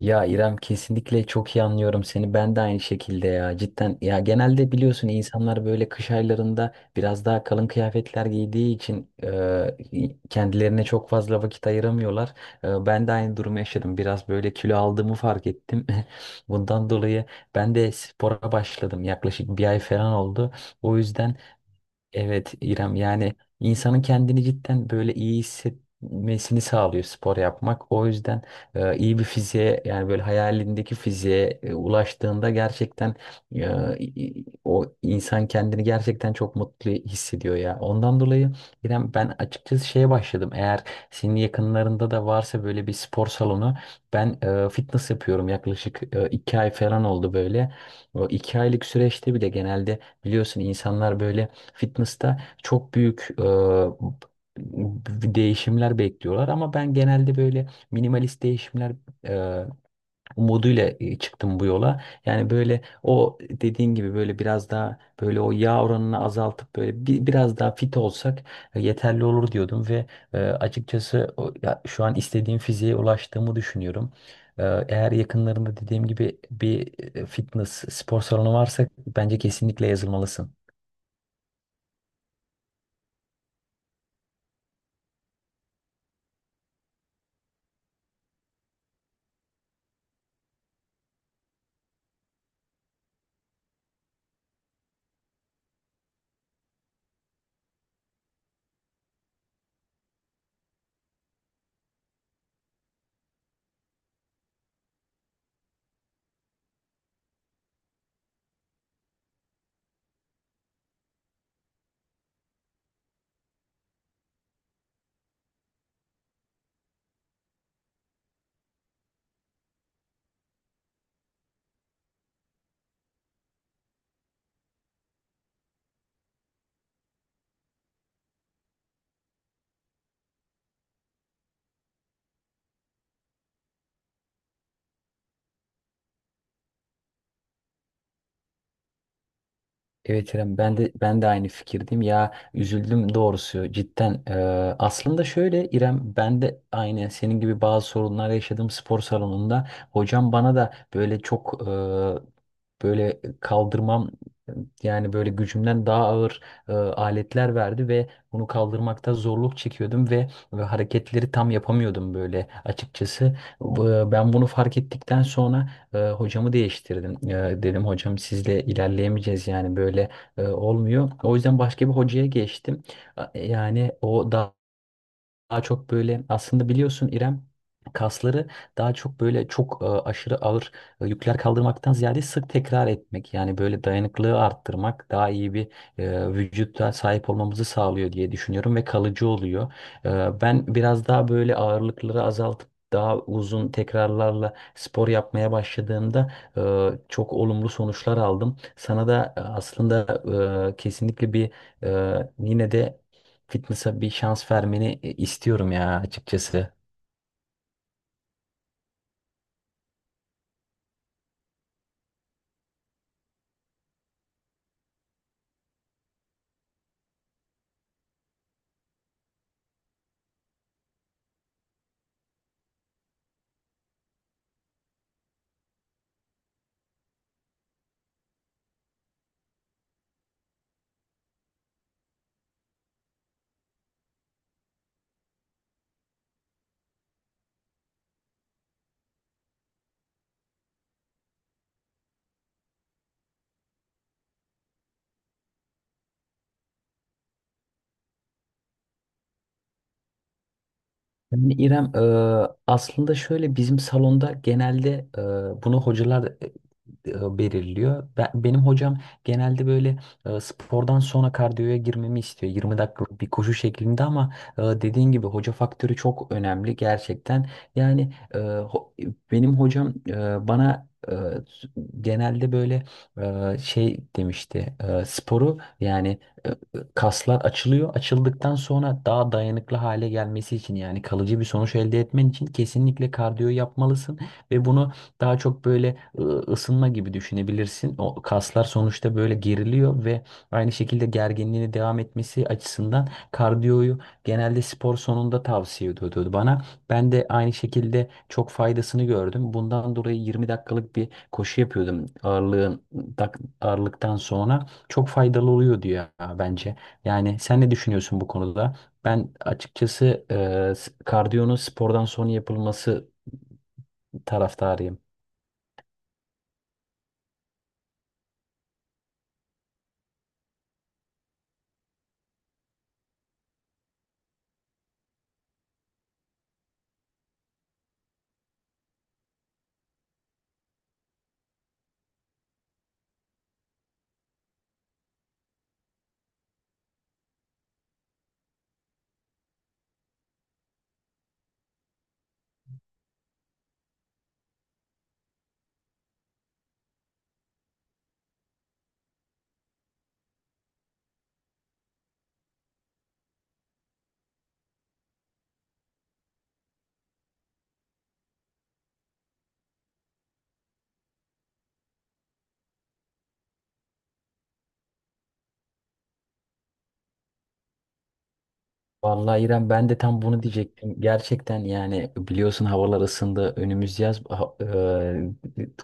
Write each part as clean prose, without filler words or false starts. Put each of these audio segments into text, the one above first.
Ya İrem, kesinlikle çok iyi anlıyorum seni. Ben de aynı şekilde ya. Cidden ya, genelde biliyorsun, insanlar böyle kış aylarında biraz daha kalın kıyafetler giydiği için kendilerine çok fazla vakit ayıramıyorlar. Ben de aynı durumu yaşadım. Biraz böyle kilo aldığımı fark ettim. Bundan dolayı ben de spora başladım. Yaklaşık 1 ay falan oldu. O yüzden evet İrem, yani insanın kendini cidden böyle iyi hissetmesini sağlıyor spor yapmak. O yüzden iyi bir fiziğe, yani böyle hayalindeki fiziğe ulaştığında gerçekten o insan kendini gerçekten çok mutlu hissediyor ya. Ondan dolayı İrem, ben açıkçası şeye başladım. Eğer senin yakınlarında da varsa böyle bir spor salonu, ben fitness yapıyorum, yaklaşık 2 ay falan oldu böyle. O 2 aylık süreçte bile genelde, biliyorsun, insanlar böyle fitness'ta çok büyük değişimler bekliyorlar ama ben genelde böyle minimalist değişimler e, umuduyla çıktım bu yola. Yani böyle o dediğin gibi böyle biraz daha böyle o yağ oranını azaltıp böyle biraz daha fit olsak yeterli olur diyordum. Ve açıkçası ya şu an istediğim fiziğe ulaştığımı düşünüyorum. Eğer yakınlarında dediğim gibi bir fitness spor salonu varsa, bence kesinlikle yazılmalısın. Evet İrem, ben de aynı fikirdeyim ya. Üzüldüm doğrusu, cidden. Aslında şöyle İrem, ben de aynı senin gibi bazı sorunlar yaşadım spor salonunda. Hocam bana da böyle çok böyle kaldırmam, yani böyle gücümden daha ağır aletler verdi ve bunu kaldırmakta zorluk çekiyordum ve hareketleri tam yapamıyordum böyle, açıkçası. Ben bunu fark ettikten sonra hocamı değiştirdim. E, dedim, hocam sizle ilerleyemeyeceğiz, yani böyle olmuyor. O yüzden başka bir hocaya geçtim. Yani o daha çok böyle, aslında biliyorsun İrem, kasları daha çok böyle çok aşırı ağır yükler kaldırmaktan ziyade sık tekrar etmek, yani böyle dayanıklılığı arttırmak daha iyi bir vücutta sahip olmamızı sağlıyor diye düşünüyorum ve kalıcı oluyor. E, ben biraz daha böyle ağırlıkları azaltıp daha uzun tekrarlarla spor yapmaya başladığımda çok olumlu sonuçlar aldım. Sana da aslında kesinlikle bir yine de fitness'a bir şans vermeni istiyorum ya, açıkçası. Yani İrem, aslında şöyle, bizim salonda genelde bunu hocalar belirliyor. Benim hocam genelde böyle spordan sonra kardiyoya girmemi istiyor. 20 dakikalık bir koşu şeklinde. Ama dediğin gibi, hoca faktörü çok önemli gerçekten. Yani benim hocam bana genelde böyle şey demişti. E, sporu yani e, e, kaslar açılıyor. Açıldıktan sonra daha dayanıklı hale gelmesi için, yani kalıcı bir sonuç elde etmen için kesinlikle kardiyo yapmalısın ve bunu daha çok böyle ısınma gibi düşünebilirsin. O kaslar sonuçta böyle geriliyor ve aynı şekilde gerginliğini devam etmesi açısından kardiyoyu genelde spor sonunda tavsiye ediyordu bana. Ben de aynı şekilde çok faydasını gördüm. Bundan dolayı 20 dakikalık bir koşu yapıyordum ağırlıktan sonra. Çok faydalı oluyor diyor ya, bence. Yani sen ne düşünüyorsun bu konuda? Ben açıkçası kardiyonun spordan sonra yapılması taraftarıyım. Vallahi İrem, ben de tam bunu diyecektim. Gerçekten, yani biliyorsun, havalar ısındı. Önümüz yaz ha- e,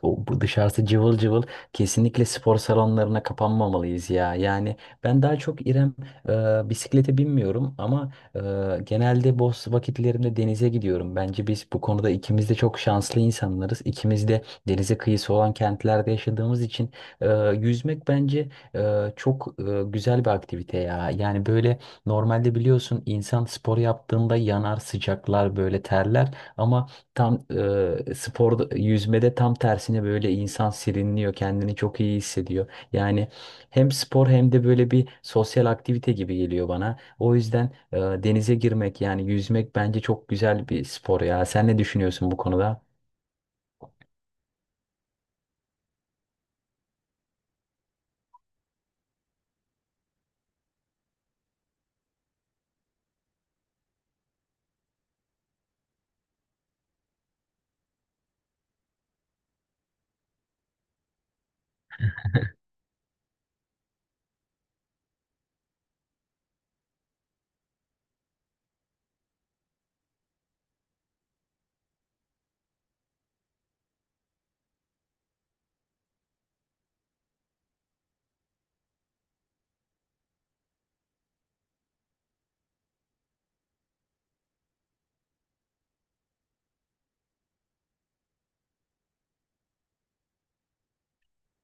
o- bu dışarısı cıvıl cıvıl. Kesinlikle spor salonlarına kapanmamalıyız ya. Yani ben daha çok İrem, bisiklete binmiyorum ama genelde boş vakitlerimde denize gidiyorum. Bence biz bu konuda ikimiz de çok şanslı insanlarız. İkimiz de denize kıyısı olan kentlerde yaşadığımız için e, yüzmek bence çok güzel bir aktivite ya. Yani böyle, normalde biliyorsun, insan spor yaptığında yanar, sıcaklar böyle, terler ama tam spor yüzmede tam tersine böyle insan serinliyor, kendini çok iyi hissediyor. Yani hem spor hem de böyle bir sosyal aktivite gibi geliyor bana. O yüzden denize girmek, yani yüzmek, bence çok güzel bir spor ya. Sen ne düşünüyorsun bu konuda?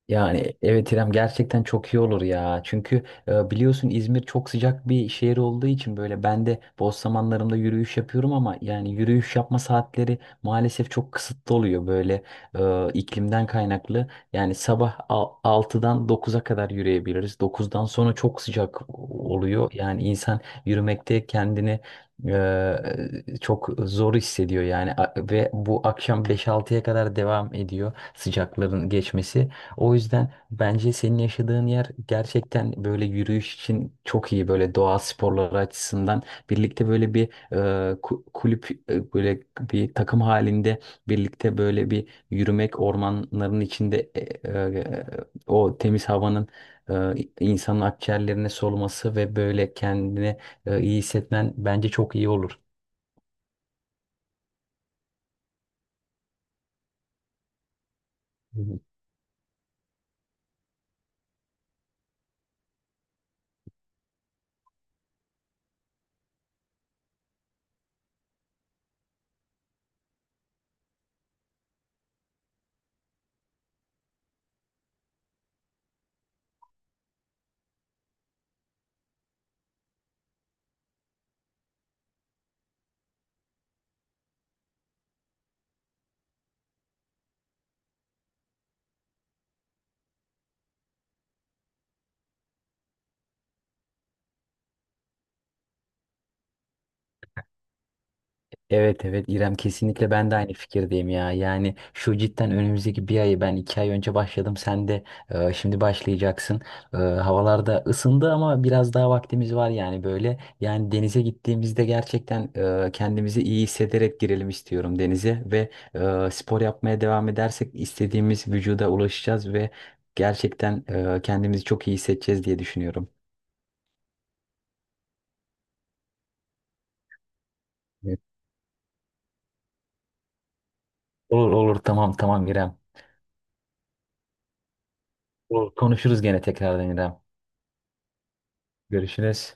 Yani evet İrem, gerçekten çok iyi olur ya. Çünkü biliyorsun, İzmir çok sıcak bir şehir olduğu için böyle ben de boş zamanlarımda yürüyüş yapıyorum ama yani yürüyüş yapma saatleri maalesef çok kısıtlı oluyor böyle, iklimden kaynaklı. Yani sabah 6'dan 9'a kadar yürüyebiliriz. 9'dan sonra çok sıcak oluyor. Yani insan yürümekte kendini e, çok zor hissediyor yani. Ve bu akşam beş altıya kadar devam ediyor sıcakların geçmesi. O yüzden bence senin yaşadığın yer gerçekten böyle yürüyüş için çok iyi, böyle doğa sporları açısından birlikte böyle bir e, kulüp, böyle bir takım halinde birlikte böyle bir yürümek ormanların içinde, e, o temiz havanın e, insanın akciğerlerine soluması ve böyle kendini iyi hissetmen bence çok iyi olur. Evet evet İrem, kesinlikle ben de aynı fikirdeyim ya. Yani şu cidden önümüzdeki bir ayı, ben 2 ay önce başladım, sen de şimdi başlayacaksın. E, havalar da ısındı ama biraz daha vaktimiz var yani böyle. Yani denize gittiğimizde gerçekten kendimizi iyi hissederek girelim istiyorum denize. Ve spor yapmaya devam edersek istediğimiz vücuda ulaşacağız ve gerçekten kendimizi çok iyi hissedeceğiz diye düşünüyorum. Evet. Olur olur, tamam tamam İrem. Olur. Konuşuruz gene tekrardan İrem. Görüşürüz.